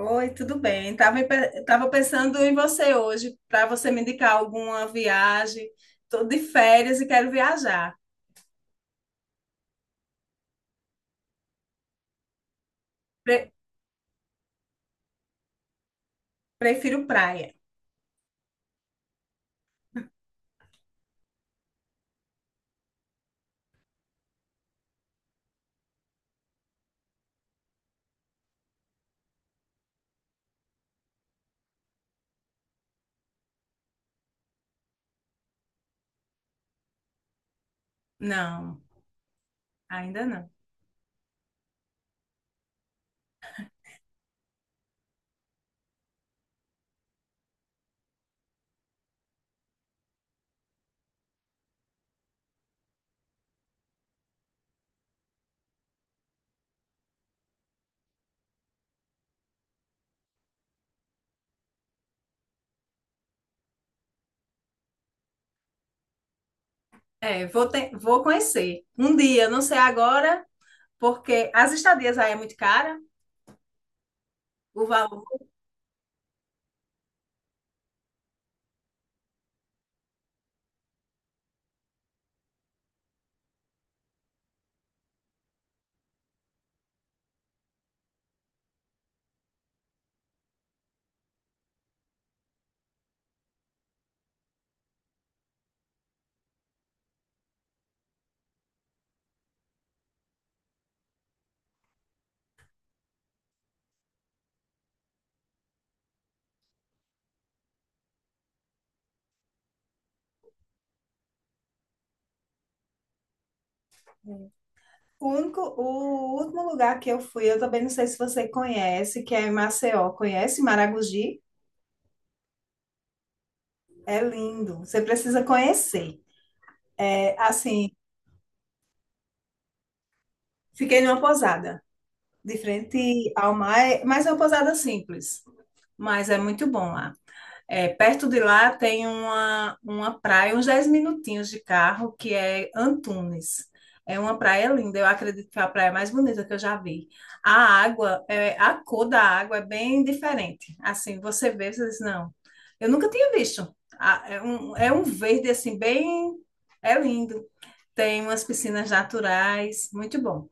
Oi, tudo bem? Estava tava pensando em você hoje, para você me indicar alguma viagem. Estou de férias e quero viajar. Pre- Prefiro praia. Não, ainda não. É, vou conhecer. Um dia, não sei agora, porque as estadias aí é muito cara, o valor. O último lugar que eu fui, eu também não sei se você conhece, que é em Maceió. Conhece Maragogi? É lindo. Você precisa conhecer. É, assim, fiquei numa pousada de frente ao mar, mas é uma pousada simples. Mas é muito bom lá. É, perto de lá tem uma praia, uns 10 minutinhos de carro, que é Antunes. É uma praia linda, eu acredito que é a praia mais bonita que eu já vi. A a cor da água é bem diferente. Assim, você vê, você diz, não, eu nunca tinha visto. Ah, é um verde, assim, bem. É lindo. Tem umas piscinas naturais, muito bom.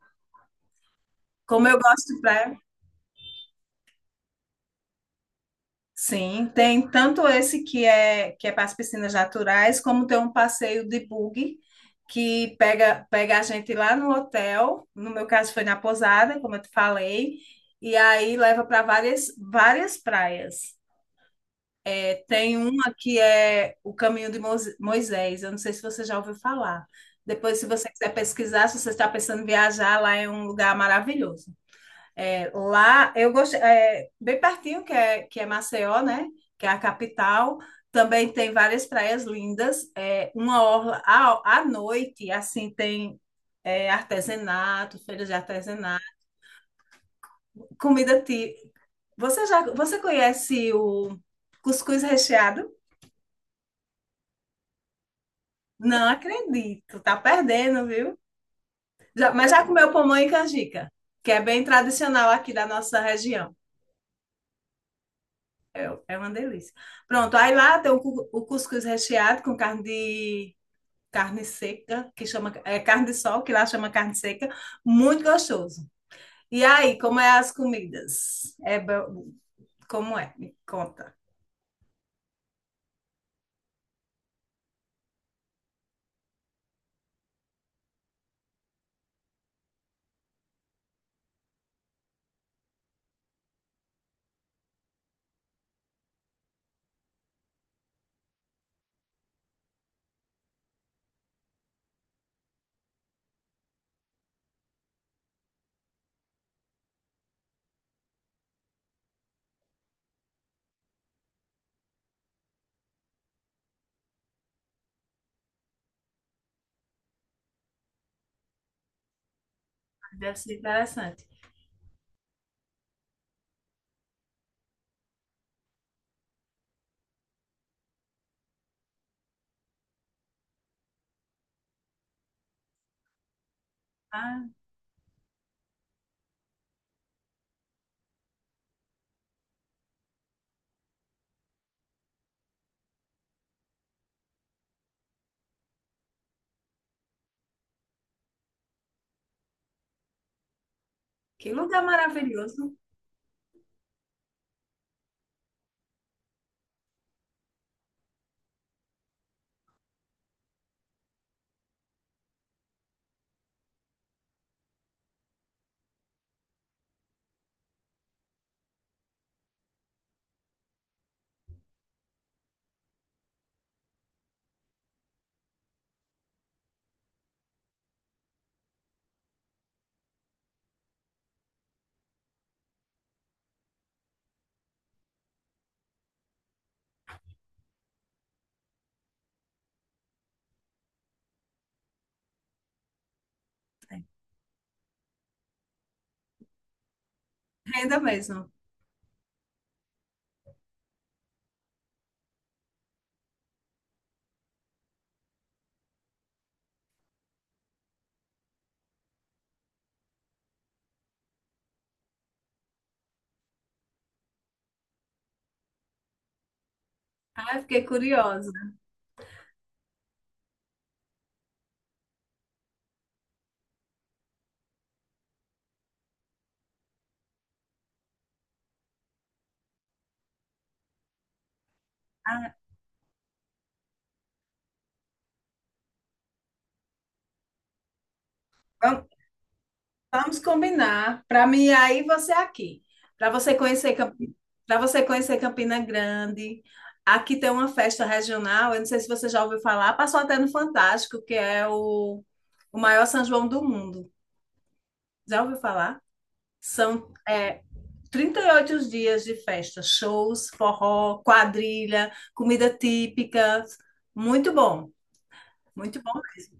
Como eu gosto de praia. Sim, tem tanto esse que é para as piscinas naturais, como tem um passeio de buggy que pega a gente lá no hotel, no meu caso foi na Pousada, como eu te falei, e aí leva para várias praias. É, tem uma que é o Caminho de Moisés, eu não sei se você já ouviu falar. Depois, se você quiser pesquisar, se você está pensando em viajar, lá é um lugar maravilhoso. É, lá, eu gostei, é, bem pertinho, que é Maceió, né? Que é a capital. Também tem várias praias lindas. É, uma orla à noite, assim, tem artesanato, feiras de artesanato, comida ti. Você conhece o cuscuz recheado? Não acredito, tá perdendo, viu? Mas já comeu pamonha e canjica, que é bem tradicional aqui da nossa região. É uma delícia. Pronto, aí lá tem o cuscuz recheado com carne seca, que chama é carne de sol, que lá chama carne seca, muito gostoso. E aí, como é as comidas? Como é? Me conta. Deve ser interessante. Ah, que lugar maravilhoso. Ainda mesmo. Ah, eu fiquei curiosa. Ah, vamos- Vamos combinar. Para mim, aí você é aqui. Para você conhecer, para você conhecer Campina Grande. Aqui tem uma festa regional, eu não sei se você já ouviu falar, passou até no Fantástico, que é o maior São João do mundo. Já ouviu falar? São 38 dias de festa, shows, forró, quadrilha, comida típica. Muito bom, muito bom mesmo.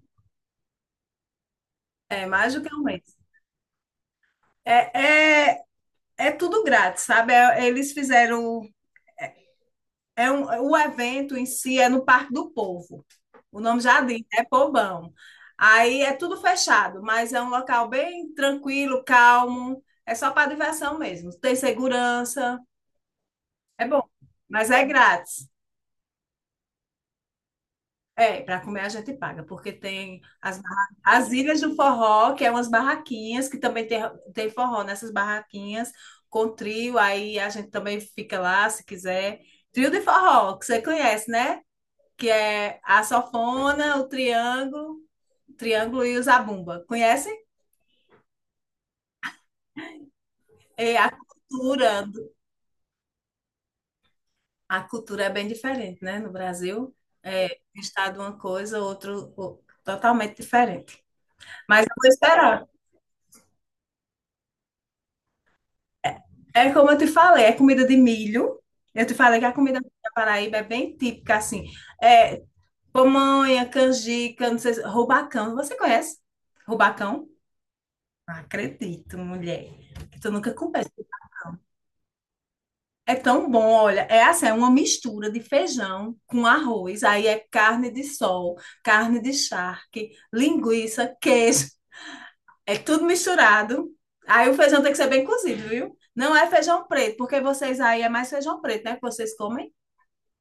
É mais do que um mês. É, é, é tudo grátis, sabe? Eles fizeram. É um, o evento em si é no Parque do Povo. O nome já diz, é povão. Aí é tudo fechado, mas é um local bem tranquilo, calmo. É só para diversão mesmo. Tem segurança, é bom, mas é grátis. É, para comer a gente paga, porque tem as Ilhas do Forró, que é umas barraquinhas, que também tem forró nessas barraquinhas, com trio, aí a gente também fica lá, se quiser. Trio de forró, que você conhece, né? Que é a sanfona, o triângulo e o zabumba. Conhecem? É a cultura, é bem diferente, né? No Brasil, é um estado uma coisa, outro, totalmente diferente. Mas eu vou esperar. É como eu te falei, é comida de milho. Eu te falei que a comida da Paraíba é bem típica, assim. É pamonha, canjica, não sei, rubacão. Você conhece rubacão? Não acredito, mulher, que tu nunca comeu. É tão bom, olha, é assim, é uma mistura de feijão com arroz, aí é carne de sol, carne de charque, linguiça, queijo, é tudo misturado. Aí o feijão tem que ser bem cozido, viu? Não é feijão preto, porque vocês aí é mais feijão preto, né? Que vocês comem?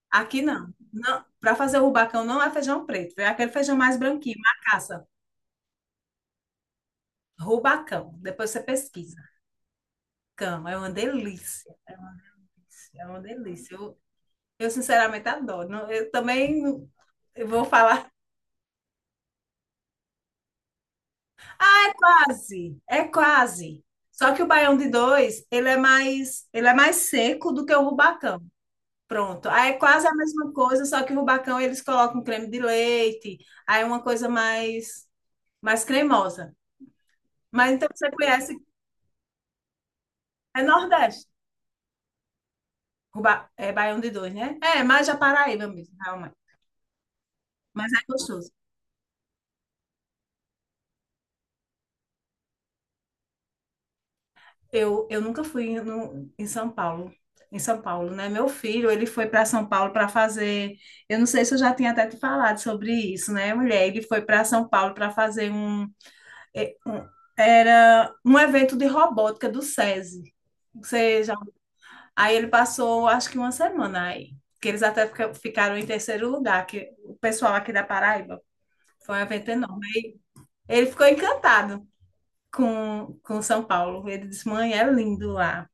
Aqui não. Não, para fazer o rubacão não é feijão preto, é aquele feijão mais branquinho, macaça, rubacão. Depois você pesquisa. Cão, é uma delícia. É uma delícia. Eu sinceramente adoro. Não, Eu também não- eu vou falar quase, é quase. Só que o baião de dois, ele é mais seco do que o rubacão. Pronto. Aí é quase a mesma coisa, só que o rubacão eles colocam creme de leite, aí é uma coisa mais cremosa. Mas então você conhece, é Nordeste. É baião de dois, né? É, mais a Paraíba mesmo, realmente. Mas é gostoso. Eu nunca fui no, em São Paulo, né? Meu filho, ele foi para São Paulo para fazer, eu não sei se eu já tinha até te falado sobre isso, né, mulher? Ele foi para São Paulo para fazer é, um- era um evento de robótica do SESI. Ou já. Aí ele passou, acho que uma semana aí, que eles até ficaram em terceiro lugar, que o pessoal aqui da Paraíba foi um evento enorme. Ele ficou encantado com São Paulo. Ele disse, mãe, é lindo lá.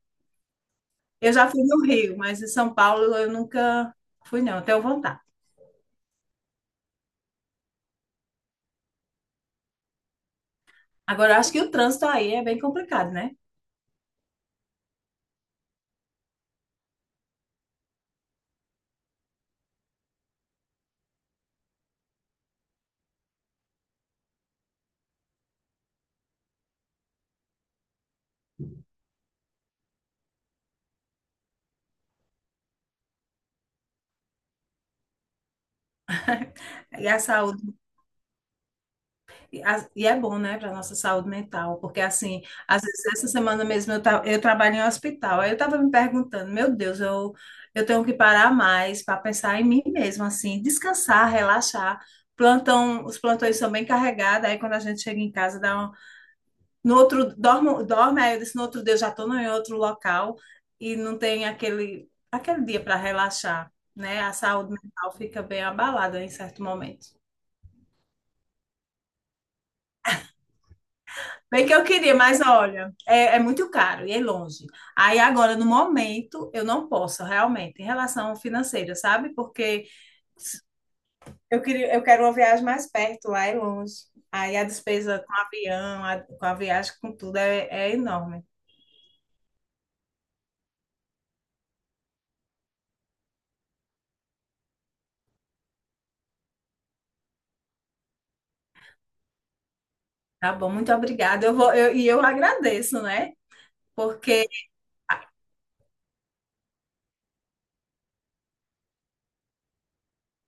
Eu já fui no Rio, mas em São Paulo eu nunca fui, não. Tenho vontade. Agora, eu acho que o trânsito aí é bem complicado, né? E a saúde, e é bom, né, para nossa saúde mental, porque assim, às vezes essa semana mesmo eu trabalho em um hospital, aí eu estava me perguntando, meu Deus, eu tenho que parar mais para pensar em mim mesma, assim, descansar, relaxar. Plantão, os plantões são bem carregados, aí quando a gente chega em casa dá. No outro, dorme, dorme, aí eu disse, no outro dia eu já estou em outro local e não tem aquele dia para relaxar, né? A saúde mental fica bem abalada em certo momento. Bem que eu queria, mas olha, é muito caro e é longe. Aí agora, no momento, eu não posso realmente, em relação financeira, sabe? Porque eu quero uma viagem mais perto, lá é longe. Aí a despesa com avião, com a viagem, com tudo, é enorme. Tá bom, muito obrigada. E eu agradeço, né? Porque. Ah,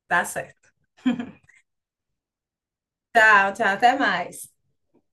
tá certo. Tchau, tchau, até mais.